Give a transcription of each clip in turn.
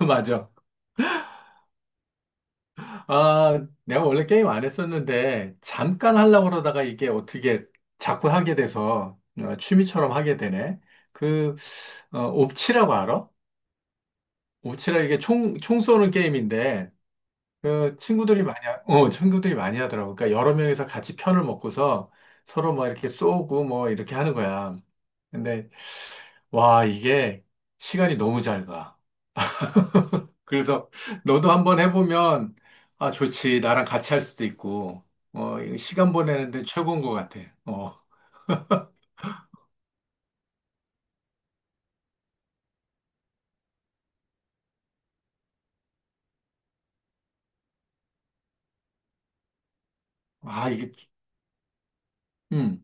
맞아. 아, 내가 원래 게임 안 했었는데, 잠깐 하려고 그러다가 이게 어떻게 자꾸 하게 돼서 취미처럼 하게 되네. 그, 옵치라고 알아? 옵치라 이게 총 쏘는 게임인데, 친구들이 많이 하더라고. 그러니까 여러 명이서 같이 편을 먹고서 서로 막 이렇게 쏘고 뭐 이렇게 하는 거야. 근데, 와, 이게 시간이 너무 잘 가. 그래서 너도 한번 해보면 아 좋지 나랑 같이 할 수도 있고 이거 시간 보내는데 최고인 것 같아. 어아 이게 음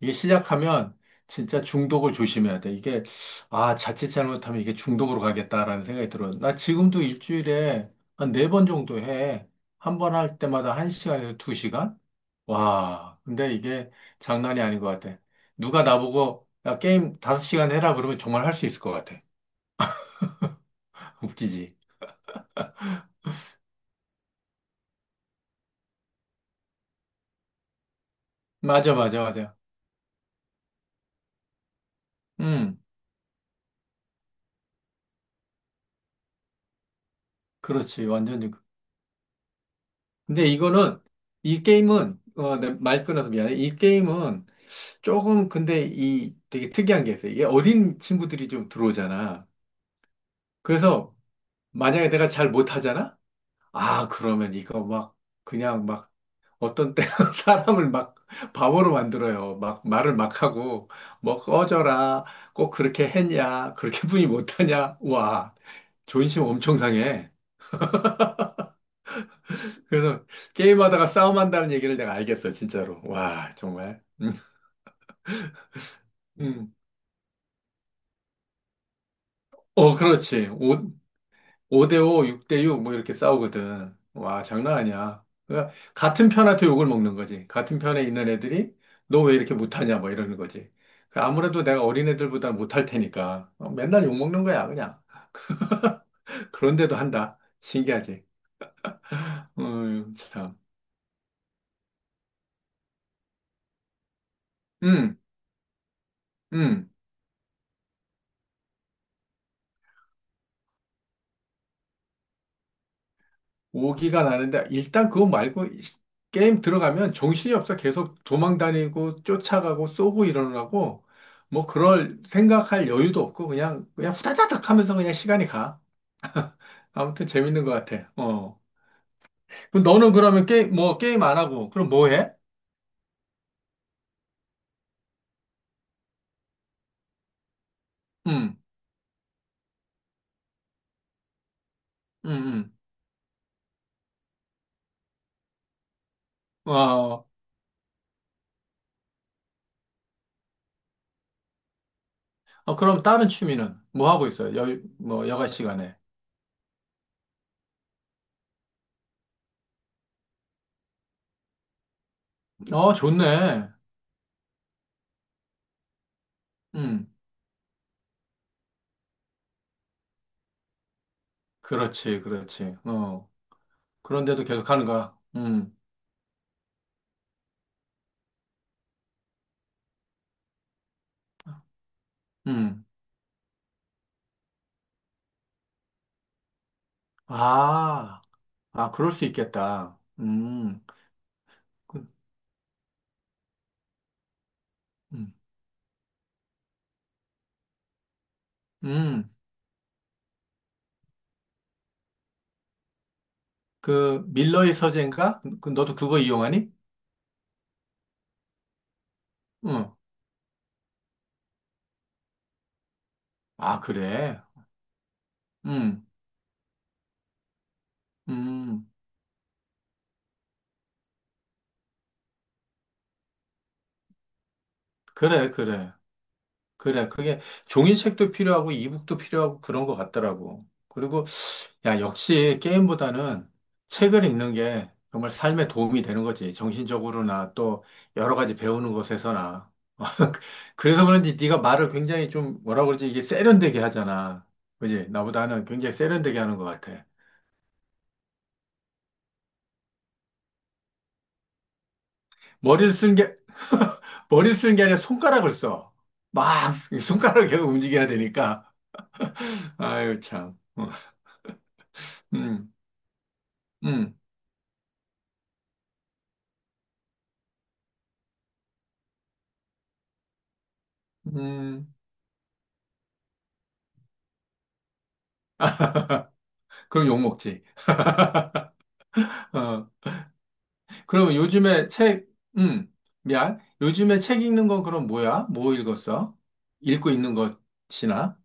이게 시작하면 진짜 중독을 조심해야 돼. 이게 아 자칫 잘못하면 이게 중독으로 가겠다라는 생각이 들어. 나 지금도 일주일에 한 네 번 정도 해. 한 번 할 때마다 한 시간에서 두 시간? 와 근데 이게 장난이 아닌 것 같아. 누가 나보고 야 게임 다섯 시간 해라 그러면 정말 할 수 있을 것 같아. 웃기지. 맞아, 맞아, 맞아. 음, 그렇지. 완전 히. 근데 이 게임은, 내 말 끊어서 미안해. 이 게임은 조금, 근데 이 되게 특이한 게 있어요. 이게 어린 친구들이 좀 들어오잖아. 그래서 만약에 내가 잘 못하잖아? 아, 그러면 이거 막, 그냥 막, 어떤 때는 사람을 막 바보로 만들어요. 막 말을 막 하고, 뭐 꺼져라. 꼭 그렇게 했냐. 그렇게 뿐이 못하냐. 와, 존심 엄청 상해. 그래서 게임하다가 싸움한다는 얘기를 내가 알겠어요, 진짜로. 와, 정말. 음. 음. 그렇지. 5 대 5, 6대 6, 뭐 이렇게 싸우거든. 와, 장난 아니야. 그러니까 같은 편한테 욕을 먹는 거지. 같은 편에 있는 애들이 너 왜 이렇게 못하냐, 뭐 이러는 거지. 그 아무래도 내가 어린 애들보다 못할 테니까 맨날 욕 먹는 거야, 그냥. 그런데도 한다. 신기하지. 참. 음. 음. 오기가 나는데 일단 그거 말고 게임 들어가면 정신이 없어. 계속 도망 다니고 쫓아가고 쏘고 일어나고 뭐 그럴 생각할 여유도 없고 그냥 후다다닥 하면서 그냥 시간이 가. 아무튼 재밌는 것 같아. 어. 그럼 너는 그러면 게임 뭐 게임 안 하고 그럼 뭐 해? 음. 음. 음. 어. 어, 그럼 다른 취미는 뭐 하고 있어? 뭐 여가 시간에. 어, 좋네. 음. 그렇지. 그렇지. 어. 그런데도 계속 하는 거야. 음. 음. 아, 그럴 수 있겠다. 그, 음. 음. 그 밀러의 서재인가? 그 너도 그거 이용하니? 응. 아, 그래. 음. 음. 그래, 그래, 그래. 그게 종이책도 필요하고 이북도 필요하고 그런 것 같더라고. 그리고 야, 역시 게임보다는 책을 읽는 게 정말 삶에 도움이 되는 거지. 정신적으로나 또 여러 가지 배우는 것에서나. 그래서 그런지 네가 말을 굉장히 좀 뭐라 그러지? 이게 세련되게 하잖아. 그지? 나보다는 굉장히 세련되게 하는 것 같아. 머리를 쓰는 게, 머리를 쓰는 게 아니라 손가락을 써. 막 손가락을 계속 움직여야 되니까. 아유, 참. 음. 음. 음. 그럼 욕 먹지. 어. 그러면 요즘에 책, 음, 미안. 요즘에 책 읽는 건 그럼 뭐야? 뭐 읽었어? 읽고 있는 것이나?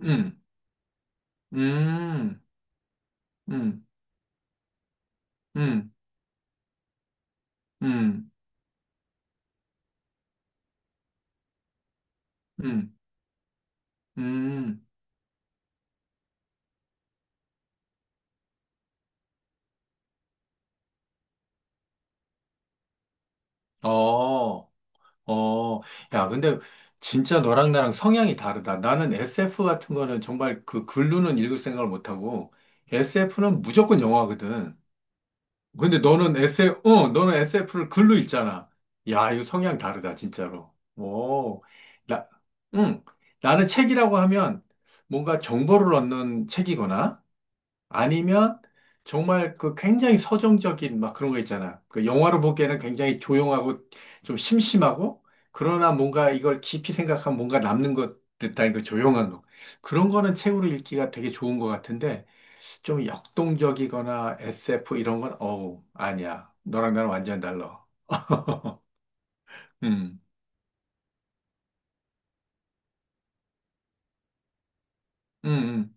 음. 음. 음. 음. 음. 음. 음. 어, 어. 야, 근데 진짜 너랑 나랑 성향이 다르다. 나는 SF 같은 거는 정말 그 글로는 읽을 생각을 못하고, SF는 무조건 영화거든. 근데 너는 SF, 너는 SF를 글로 읽잖아. 야, 이거 성향 다르다, 진짜로. 오, 나, 응. 나는 책이라고 하면 뭔가 정보를 얻는 책이거나 아니면 정말 그 굉장히 서정적인 막 그런 거 있잖아. 그 영화로 보기에는 굉장히 조용하고 좀 심심하고 그러나 뭔가 이걸 깊이 생각하면 뭔가 남는 것 듯한 그 조용한 거. 그런 거는 책으로 읽기가 되게 좋은 것 같은데 좀 역동적이거나 SF 이런 건 어우 아니야. 너랑 나랑 완전 달라. 음. 음.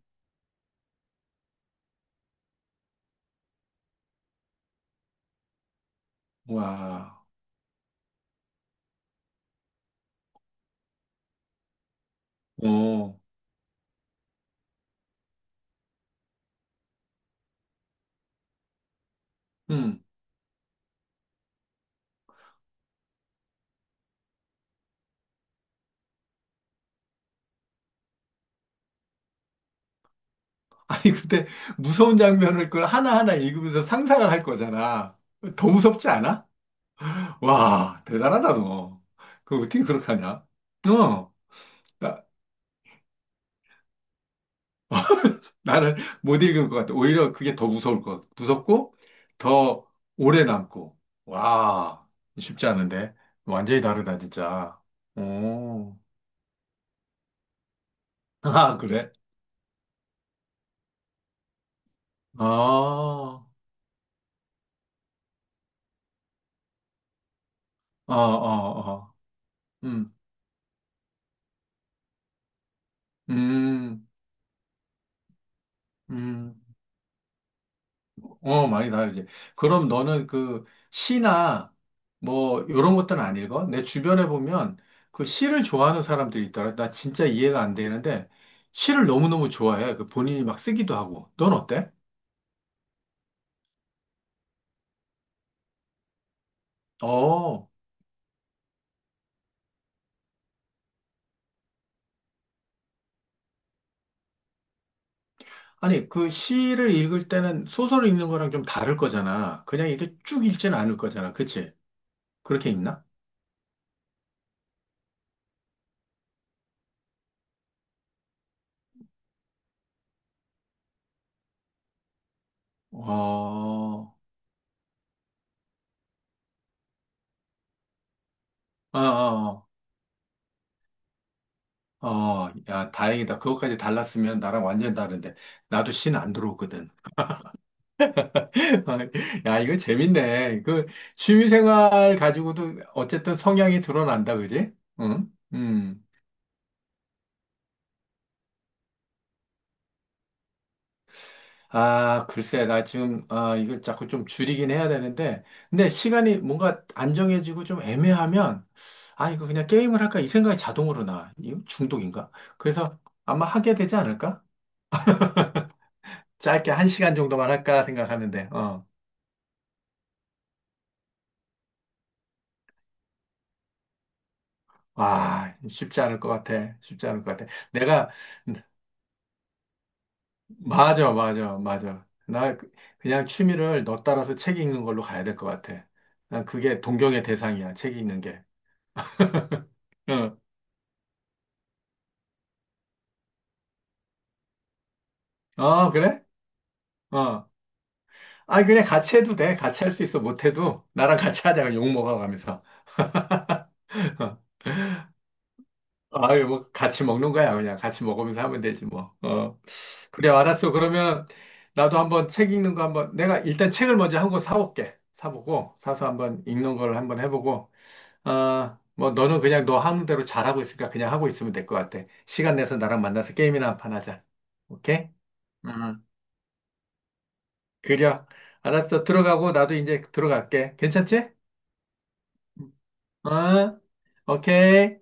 음. 와. 오. 음. 아니 근데 무서운 장면을 그걸 하나하나 읽으면서 상상을 할 거잖아. 더 무섭지 않아? 와, 대단하다, 너. 그 어떻게 그렇게 하냐? 어, 나, 나는 못 읽을 것 같아. 오히려 그게 더 무서울 것 같아. 무섭고, 더 오래 남고. 와, 쉽지 않은데. 완전히 다르다, 진짜. 오, 아, 그래? 아, 아, 음. 음. 음. 어, 많이 다르지. 그럼 너는 시나 뭐 이런 것들은 안 읽어? 내 주변에 보면 그 시를 좋아하는 사람들이 있더라. 나 진짜 이해가 안 되는데 시를 너무너무 좋아해. 그 본인이 막 쓰기도 하고. 넌 어때? 어. 아니, 그 시를 읽을 때는 소설을 읽는 거랑 좀 다를 거잖아. 그냥 이렇게 쭉 읽지는 않을 거잖아. 그치? 그렇게 읽나? 어, 어, 어, 어, 야, 다행이다. 그것까지 달랐으면 나랑 완전 다른데. 나도 시는 안 들어오거든. 야, 이거 재밌네. 그 취미생활 가지고도 어쨌든 성향이 드러난다, 그지? 응? 음. 아, 글쎄, 아, 이걸 자꾸 좀 줄이긴 해야 되는데, 근데 시간이 뭔가 안정해지고 좀 애매하면, 아, 이거 그냥 게임을 할까? 이 생각이 자동으로 나. 이거 중독인가? 그래서 아마 하게 되지 않을까? 짧게 한 시간 정도만 할까 생각하는데, 어. 와, 쉽지 않을 것 같아. 쉽지 않을 것 같아. 내가 맞아, 맞아, 맞아. 그냥 취미를 너 따라서 책 읽는 걸로 가야 될 것 같아. 난 그게 동경의 대상이야, 책 읽는 게. 응. 어, 그래? 어. 아, 그냥 같이 해도 돼. 같이 할 수 있어. 못해도 나랑 같이 하자. 그냥 욕 먹어가면서. 아유, 뭐, 같이 먹는 거야. 그냥 같이 먹으면서 하면 되지, 뭐. 어. 그래, 알았어. 그러면 나도 한번 책 읽는 거 한번, 내가 일단 책을 먼저 한 권 사올게. 사보고, 사서 한번 읽는 걸 한번 해보고, 아, 뭐 너는 그냥 너 하는 대로 잘하고 있으니까 그냥 하고 있으면 될 것 같아. 시간 내서 나랑 만나서 게임이나 한 판 하자. 오케이? 응. 그려. 알았어. 들어가고 나도 이제 들어갈게. 괜찮지? 어? 오케이.